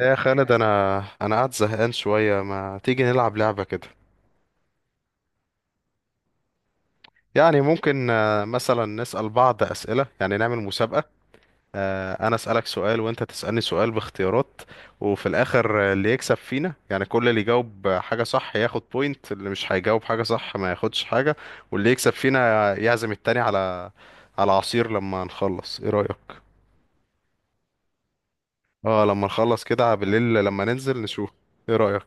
يا خالد انا قاعد زهقان شويه ما تيجي نلعب لعبه كده. يعني ممكن مثلا نسال بعض اسئله، يعني نعمل مسابقه. انا اسالك سؤال وانت تسالني سؤال باختيارات، وفي الاخر اللي يكسب فينا، يعني كل اللي يجاوب حاجه صح ياخد بوينت، اللي مش هيجاوب حاجه صح ما ياخدش حاجه. واللي يكسب فينا يعزم التاني على عصير لما نخلص. ايه رايك؟ اه، لما نخلص كده بالليل لما ننزل نشوف. ايه رايك؟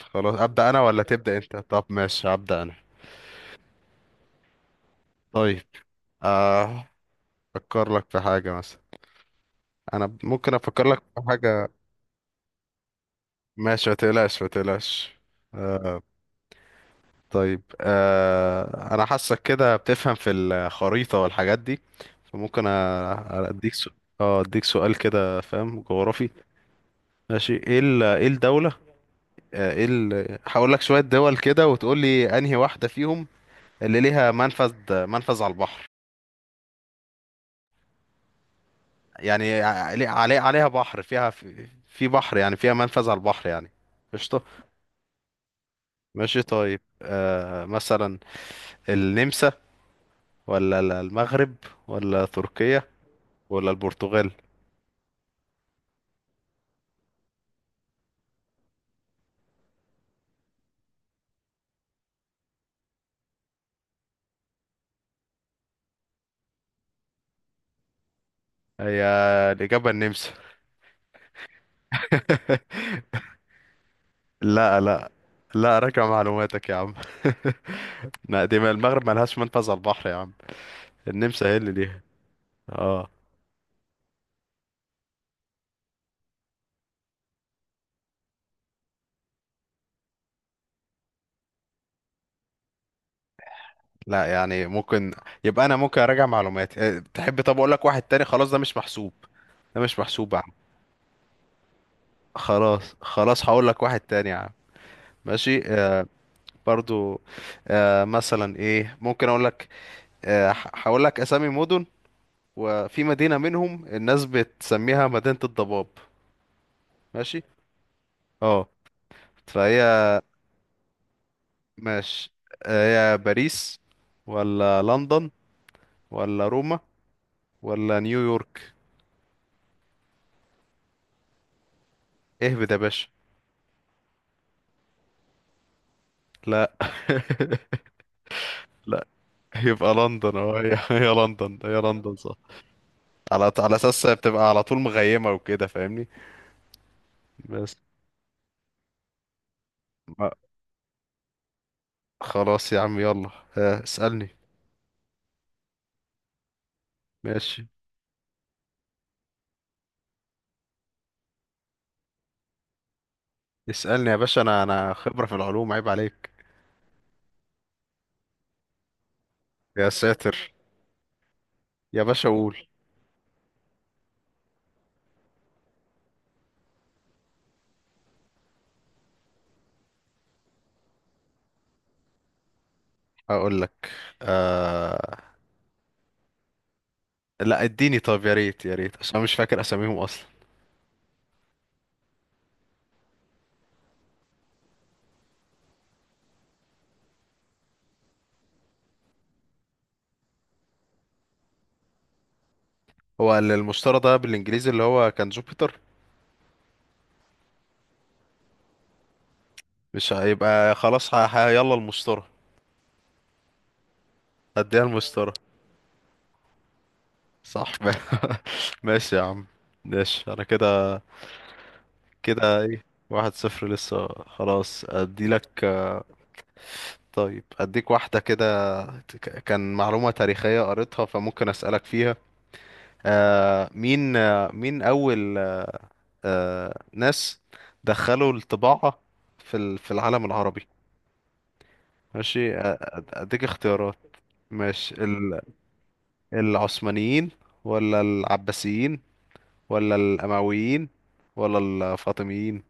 خلاص ابدا انا ولا تبدا انت؟ طب ماشي، ابدا انا. طيب آه أفكر لك في حاجة مثلا. أنا ممكن أفكر لك في حاجة. ماشي، ما تقلقش. آه. طيب أنا حاسك كده بتفهم في الخريطة والحاجات دي، فممكن أديك سؤال. اه، أديك سؤال كده، فاهم جغرافي. ماشي. إيه الدولة؟ هقول لك شوية دول كده وتقول لي أنهي واحدة فيهم اللي ليها منفذ، منفذ على البحر. يعني عليها بحر، فيها في بحر، يعني فيها منفذ على البحر يعني. قشطة. ماشي طيب مثلا النمسا، ولا المغرب، ولا تركيا، ولا البرتغال؟ هي الإجابة النمسا. لا لا، لا راجع معلوماتك يا عم. لا دي، ما المغرب ملهاش منفذ على البحر يا عم. النمسا هي اللي ليها. اه. لا يعني ممكن، يبقى انا ممكن اراجع معلوماتي. تحب طب اقول لك واحد تاني؟ خلاص ده مش محسوب، ده مش محسوب يا عم. خلاص خلاص، هقول لك واحد تاني يا عم. ماشي. آه، برضو. آه مثلا ايه ممكن اقول لك؟ هقول لك اسامي مدن، وفي مدينة منهم الناس بتسميها مدينة الضباب. ماشي. اه. فهي، ماشي، هي باريس، ولا لندن، ولا روما، ولا نيويورك؟ اهبد يا باشا. لا. لا، يبقى لندن. اه هي، هي لندن، هي لندن صح. على اساس بتبقى على طول مغيمة وكده، فاهمني؟ بس. ما- خلاص يا عم يلا. اسألني. ماشي، اسألني يا باشا، انا خبرة في العلوم، عيب عليك. يا ساتر. يا باشا قول. اقول لك. آه... لا اديني، طب يا ريت، يا ريت عشان أنا مش فاكر اساميهم اصلا. هو المشتري ده بالانجليزي اللي هو كان جوبيتر. مش هيبقى خلاص، يلا المشتري. هديها المشتري. صح. ماشي يا عم. ماشي انا كده. كده ايه؟ واحد صفر لسه. خلاص ادي لك طيب اديك واحدة كده. كان معلومة تاريخية قريتها، فممكن اسألك فيها. مين مين اول ناس دخلوا الطباعة في العالم العربي؟ ماشي اديك اختيارات. ماشي. العثمانيين، ولا العباسيين، ولا الأمويين، ولا الفاطميين؟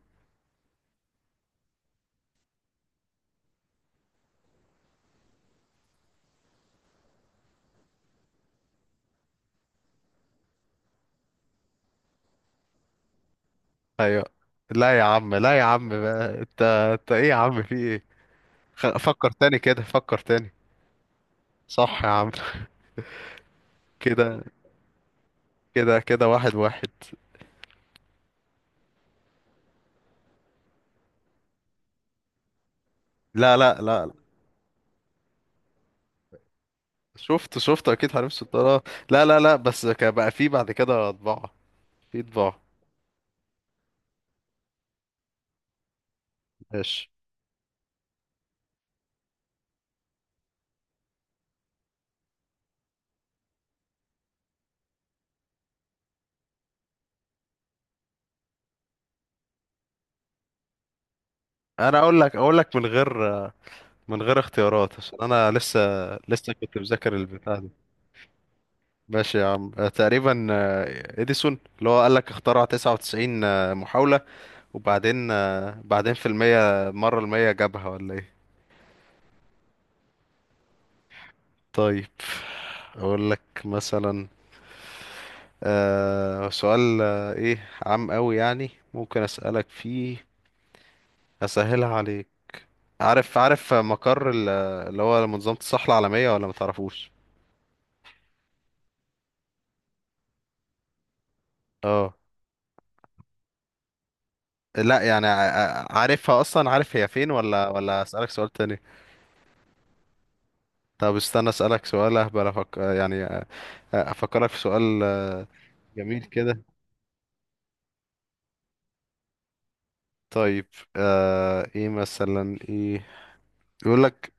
ايوه. لا يا عم، لا يا عم بقى، انت انت ايه يا عم، في ايه؟ فكر تاني كده، فكر تاني. صح يا عم. كده كده، كده واحد واحد. لا. شفت، شفت اكيد حريف السلطان. لا لا لا، بس كان بقى في بعد كده طباعة، في طباعة. ماشي. انا اقول لك، اقول لك من غير، من غير اختيارات عشان انا لسه، لسه كنت مذاكر البتاع دي. ماشي يا عم. تقريبا اديسون اللي هو قال لك اخترع 99 محاولة، وبعدين بعدين في المية مرة، المية جابها ولا ايه؟ طيب اقول لك مثلا سؤال ايه عام قوي يعني، ممكن اسألك فيه، اسهلها عليك. عارف، عارف مقر اللي هو منظمة الصحة العالمية ولا متعرفوش؟ اه. لا يعني، عارفها اصلا، عارف هي فين، ولا ولا اسالك سؤال تاني؟ طب استنى اسالك سؤال اهبل، افكرك في سؤال. جميل كده. طيب ايه مثلا، ايه يقول لك،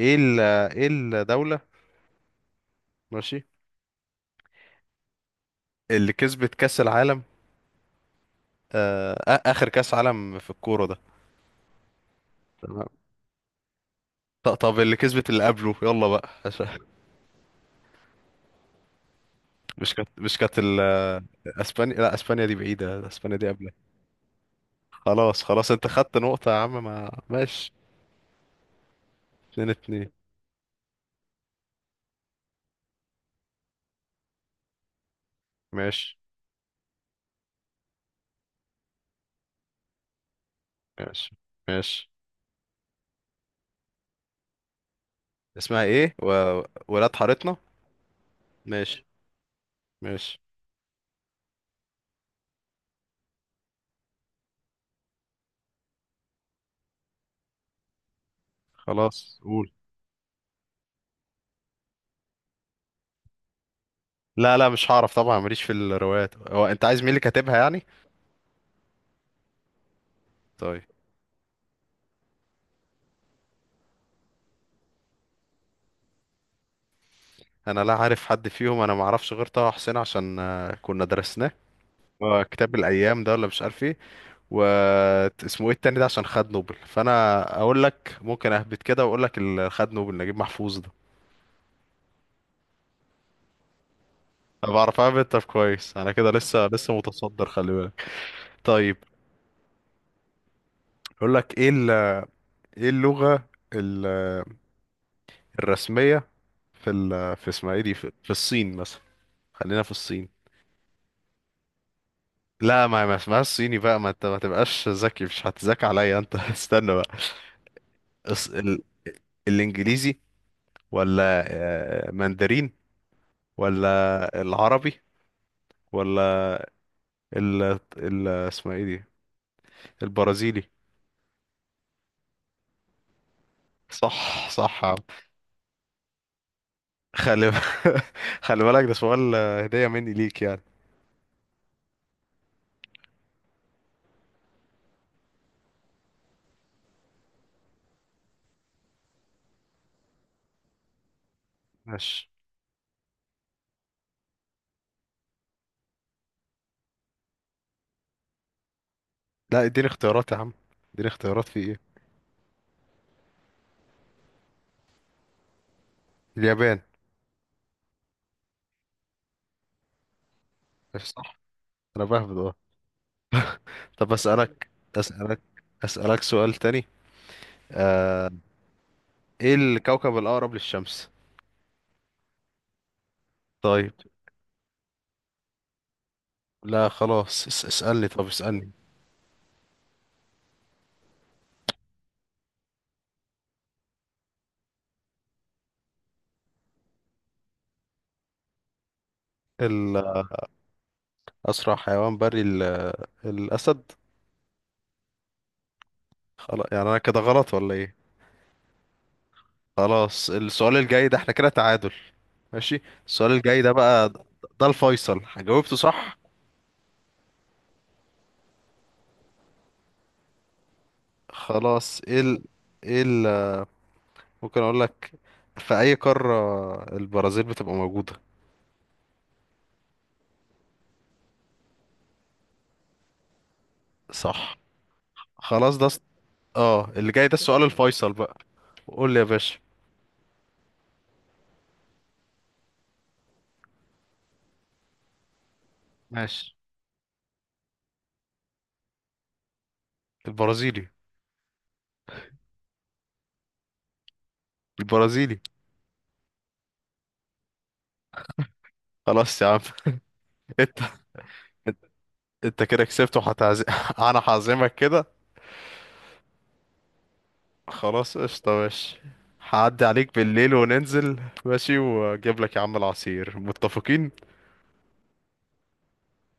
ايه ال... ايه الدولة، ماشي، اللي كسبت كأس العالم؟ اخر كأس عالم في الكورة ده. تمام. طب اللي كسبت اللي قبله، يلا بقى عشان. مش كانت، اسبانيا؟ لا اسبانيا دي بعيدة، اسبانيا دي قبلها. خلاص خلاص، انت خدت نقطة يا عم. ما ماشي. اتنين اتنين. ماشي. ماشي. ماشي. اسمها ايه ولاد حارتنا؟ ماشي. ماشي. خلاص قول. لا لا مش هعرف طبعا، ماليش في الروايات. هو انت عايز مين اللي كاتبها يعني؟ طيب. انا لا عارف حد فيهم، انا ما اعرفش غير طه حسين عشان كنا درسناه كتاب الايام ده، ولا مش عارف ايه. و اسمه ايه التاني ده عشان خد نوبل، فانا اقول لك ممكن اهبط كده واقول لك اللي خد نوبل نجيب محفوظ ده. انا بعرف اهبط. طب كويس، انا كده لسه، لسه متصدر، خلي بالك. طيب اقول لك ايه. ايه اللغة ال- الرسمية في اسمها ايه دي، في الصين مثلا؟ خلينا في الصين. لا، ما ما اسمهاش صيني بقى، ما انت ما تبقاش ذكي مش هتذاكى عليا انت. استنى بقى. الص- ال... الانجليزي، ولا ماندرين، ولا العربي، ولا ال... اسمها ايه دي، البرازيلي؟ صح، صح يا عم. خلي، خلي بالك، ده سؤال هدية مني ليك يعني. ماشي. لا اديني اختيارات يا عم، اديني اختيارات في ايه. اليابان. انا بهبد اه. طب اسالك، اسالك، اسالك سؤال تاني. آه... ايه الكوكب الاقرب للشمس؟ طيب. لا خلاص، اسالني، طب اسالني. ال- اسرع حيوان بري الاسد. خلاص يعني انا كده غلط ولا ايه؟ خلاص السؤال الجاي ده احنا كده تعادل. ماشي، السؤال الجاي ده بقى ده، ده الفيصل، جاوبته صح. خلاص ايه ال... ممكن اقول لك في اي قارة البرازيل بتبقى موجودة؟ صح، خلاص ده. اه، اللي جاي ده السؤال الفيصل بقى. قول لي يا باشا. ماشي. البرازيلي. البرازيلي. خلاص يا عم. انت، انت كده كسبت وهتعزم. انا هعزمك كده. خلاص قشطة، ماشي، هعدي عليك بالليل وننزل، ماشي، واجيب لك يا عم العصير. متفقين؟